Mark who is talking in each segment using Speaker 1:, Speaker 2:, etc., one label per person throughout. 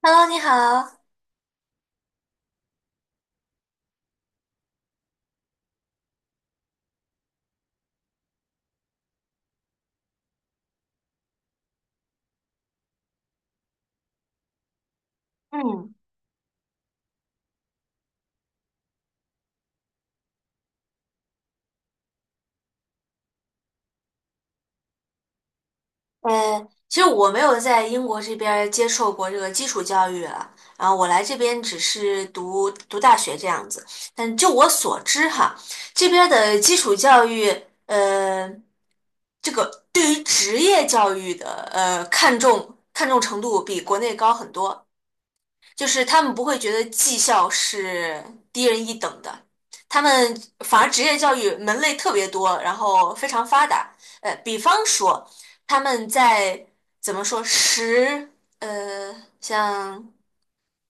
Speaker 1: Hello，你好。嗯，其实我没有在英国这边儿接受过这个基础教育了。然后我来这边只是读读大学这样子。但就我所知哈，这边儿的基础教育，呃，这个对于职业教育的看重程度比国内高很多。就是他们不会觉得技校是低人一等的，他们反而职业教育门类特别多，然后非常发达。比方说他们在怎么说十呃像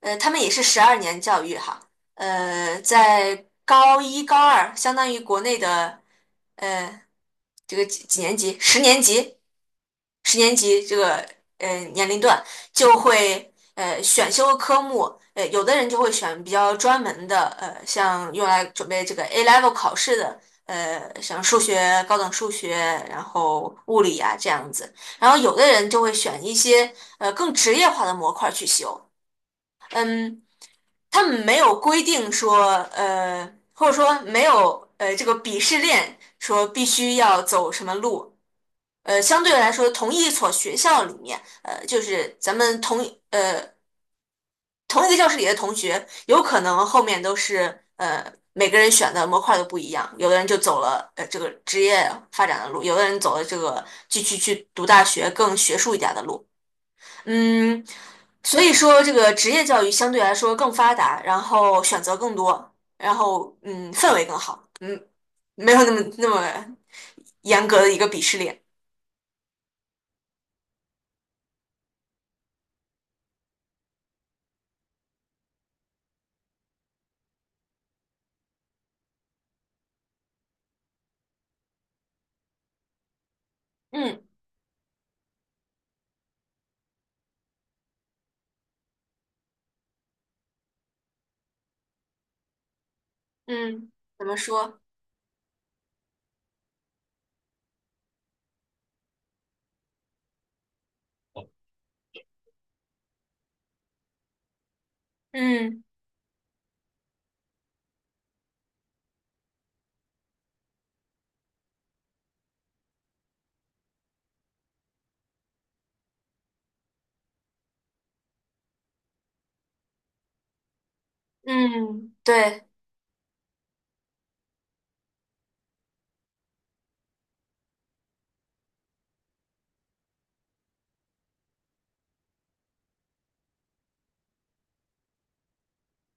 Speaker 1: 呃他们也是十二年教育哈，呃在高一高二相当于国内的呃这个几几年级十年级十年级这个年龄段就会选修科目，有的人就会选比较专门的，像用来准备这个 A level 考试的，像数学、高等数学，然后物理啊这样子，然后有的人就会选一些更职业化的模块去修，他们没有规定说或者说没有这个鄙视链说必须要走什么路。相对来说，同一所学校里面，就是咱们同一个教室里的同学，有可能后面都是每个人选的模块都不一样，有的人就走了这个职业发展的路，有的人走了这个继续去读大学更学术一点的路，嗯，所以说这个职业教育相对来说更发达，然后选择更多，然后嗯氛围更好，没有那么严格的一个鄙视链，嗯嗯，怎么说？嗯。嗯，对，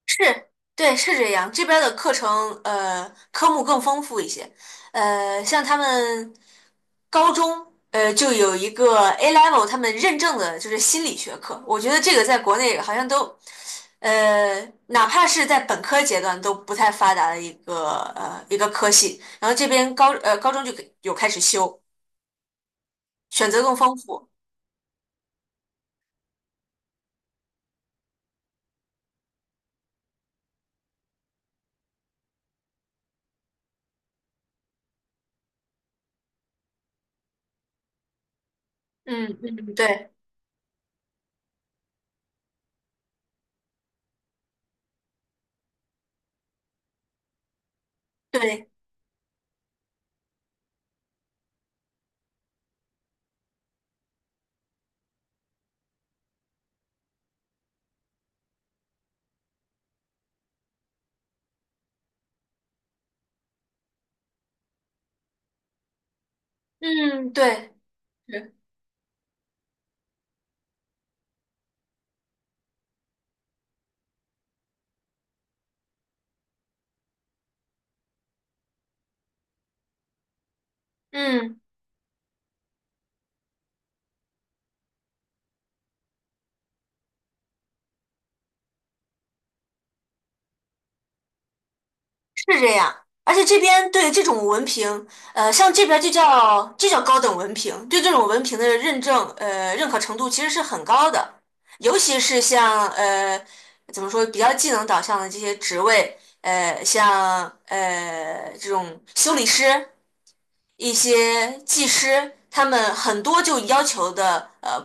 Speaker 1: 是，对，是这样。这边儿的课程，科目更丰富一些。像他们高中，就有一个 A level，他们认证的就是心理学课。我觉得这个在国内好像都，呃，哪怕是在本科阶段都不太发达的一个科系。然后这边高中就给有开始修，选择更丰富。嗯嗯，对对，嗯对。是嗯。是这样，而且这边对这种文凭，像这边就叫高等文凭，对这种文凭的认证，认可程度其实是很高的，尤其是像怎么说比较技能导向的这些职位，呃，像这种修理师，一些技师，他们很多就要求的，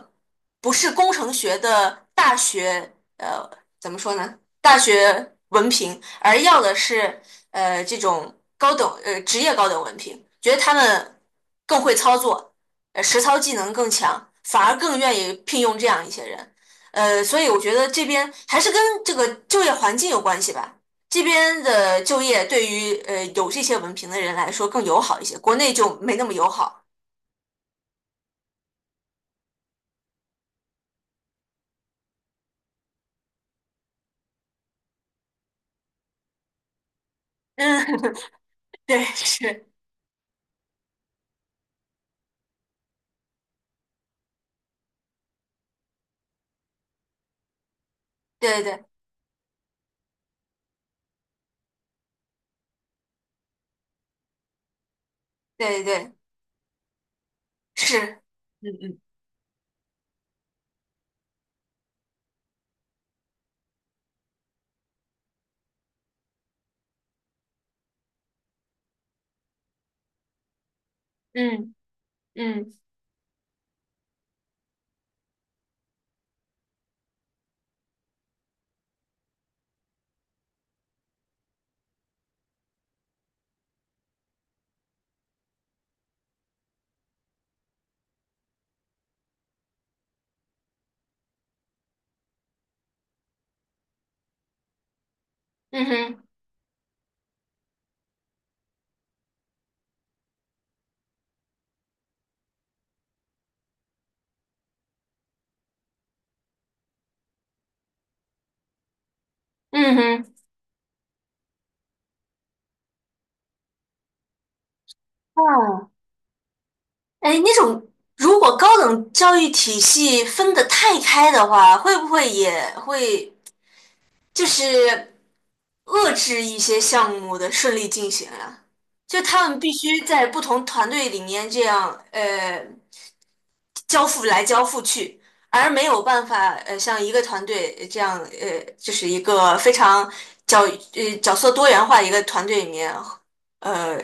Speaker 1: 不是工程学的大学，怎么说呢？大学文凭，而要的是，这种高等，职业高等文凭，觉得他们更会操作，实操技能更强，反而更愿意聘用这样一些人。所以我觉得这边还是跟这个就业环境有关系吧。这边的就业对于有这些文凭的人来说更友好一些，国内就没那么友好。嗯，对，是，对对对对，是，嗯嗯嗯嗯嗯哼嗯哼，哦，哎，那种如果高等教育体系分得太开的话，会不会也会就是遏制一些项目的顺利进行啊？就他们必须在不同团队里面这样，交付来交付去，而没有办法像一个团队这样就是一个非常角角色多元化的一个团队里面，呃，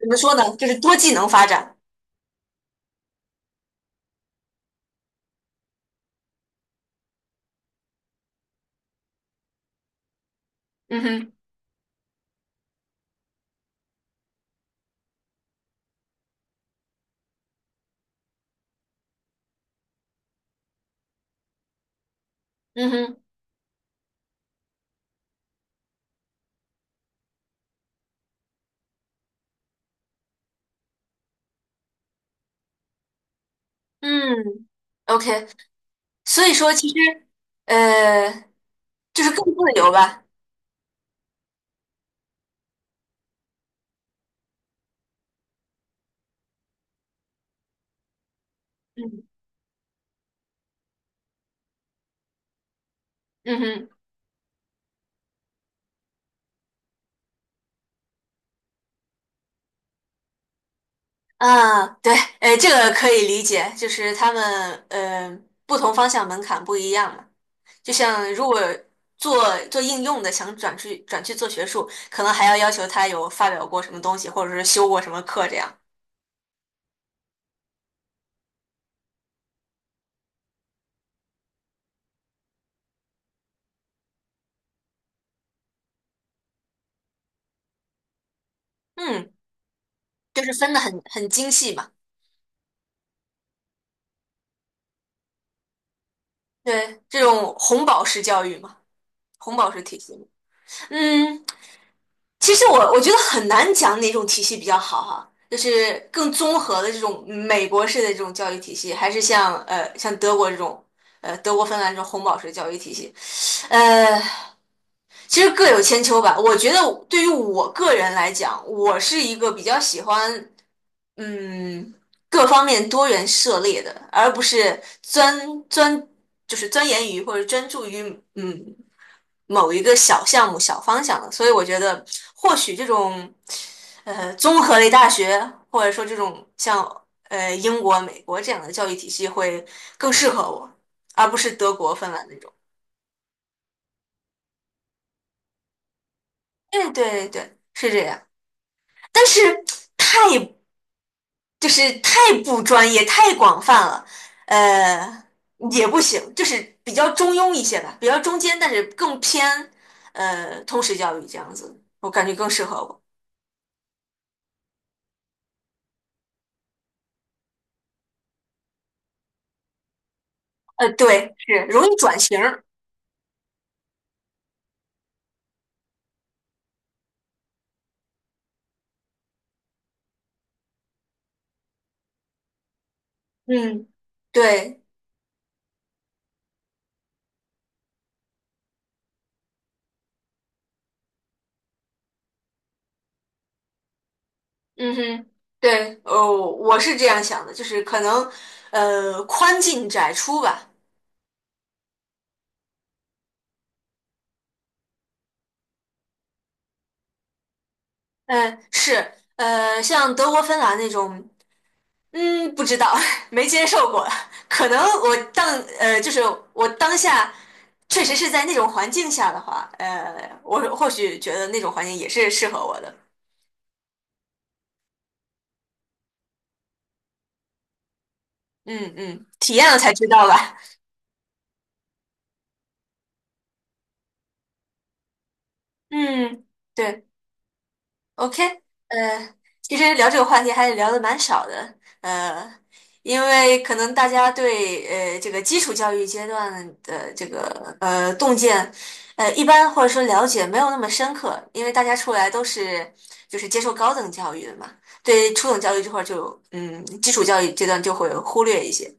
Speaker 1: 怎么说呢，就是多技能发展。嗯哼，嗯哼，嗯，OK，所以说其实呃就是更自由吧。嗯嗯哼。啊，对，哎，这个可以理解，就是他们不同方向门槛不一样嘛。就像如果做应用的，想转去做学术，可能还要要求他有发表过什么东西，或者是修过什么课这样。嗯，就是分的很精细嘛。对，这种红宝石教育嘛，红宝石体系嘛嗯，其实我觉得很难讲哪种体系比较好哈。就是更综合的这种美国式的这种教育体系，还是像德国这种德国芬兰这种红宝石教育体系，呃。其实各有千秋吧。我觉得对于我个人来讲，我是一个比较喜欢嗯各方面多元涉猎的，而不是钻就是钻研于或者专注于嗯某一个小项目、小方向的。所以我觉得，或许这种综合类大学，或者说这种像英国、美国这样的教育体系会更适合我，而不是德国、芬兰那种。对对对，是这样。但是太就是太不专业、太广泛了，呃，也不行，就是比较中庸一些吧，比较中间，但是更偏通识教育这样子，我感觉更适合我。呃，对，是容易转型儿。嗯，对，嗯哼，对，哦，我是这样想的，就是可能宽进窄出吧。嗯，是，像德国、芬兰那种。嗯，不知道，没接受过。可能我当呃，就是我当下确实是在那种环境下的话，我或许觉得那种环境也是适合我的。嗯嗯，体验了才知道吧。嗯，对。OK，呃，其实聊这个话题还是聊的蛮少的，呃，因为可能大家对这个基础教育阶段的这个洞见，一般或者说了解没有那么深刻，因为大家出来都是就是接受高等教育的嘛，对初等教育这块儿就嗯基础教育阶段就会忽略一些，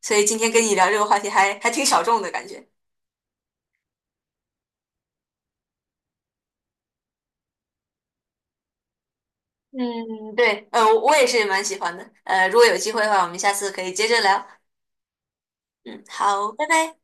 Speaker 1: 所以今天跟你聊这个话题还挺小众的感觉。嗯，对，我也是蛮喜欢的，如果有机会的话，我们下次可以接着聊。嗯，好，拜拜。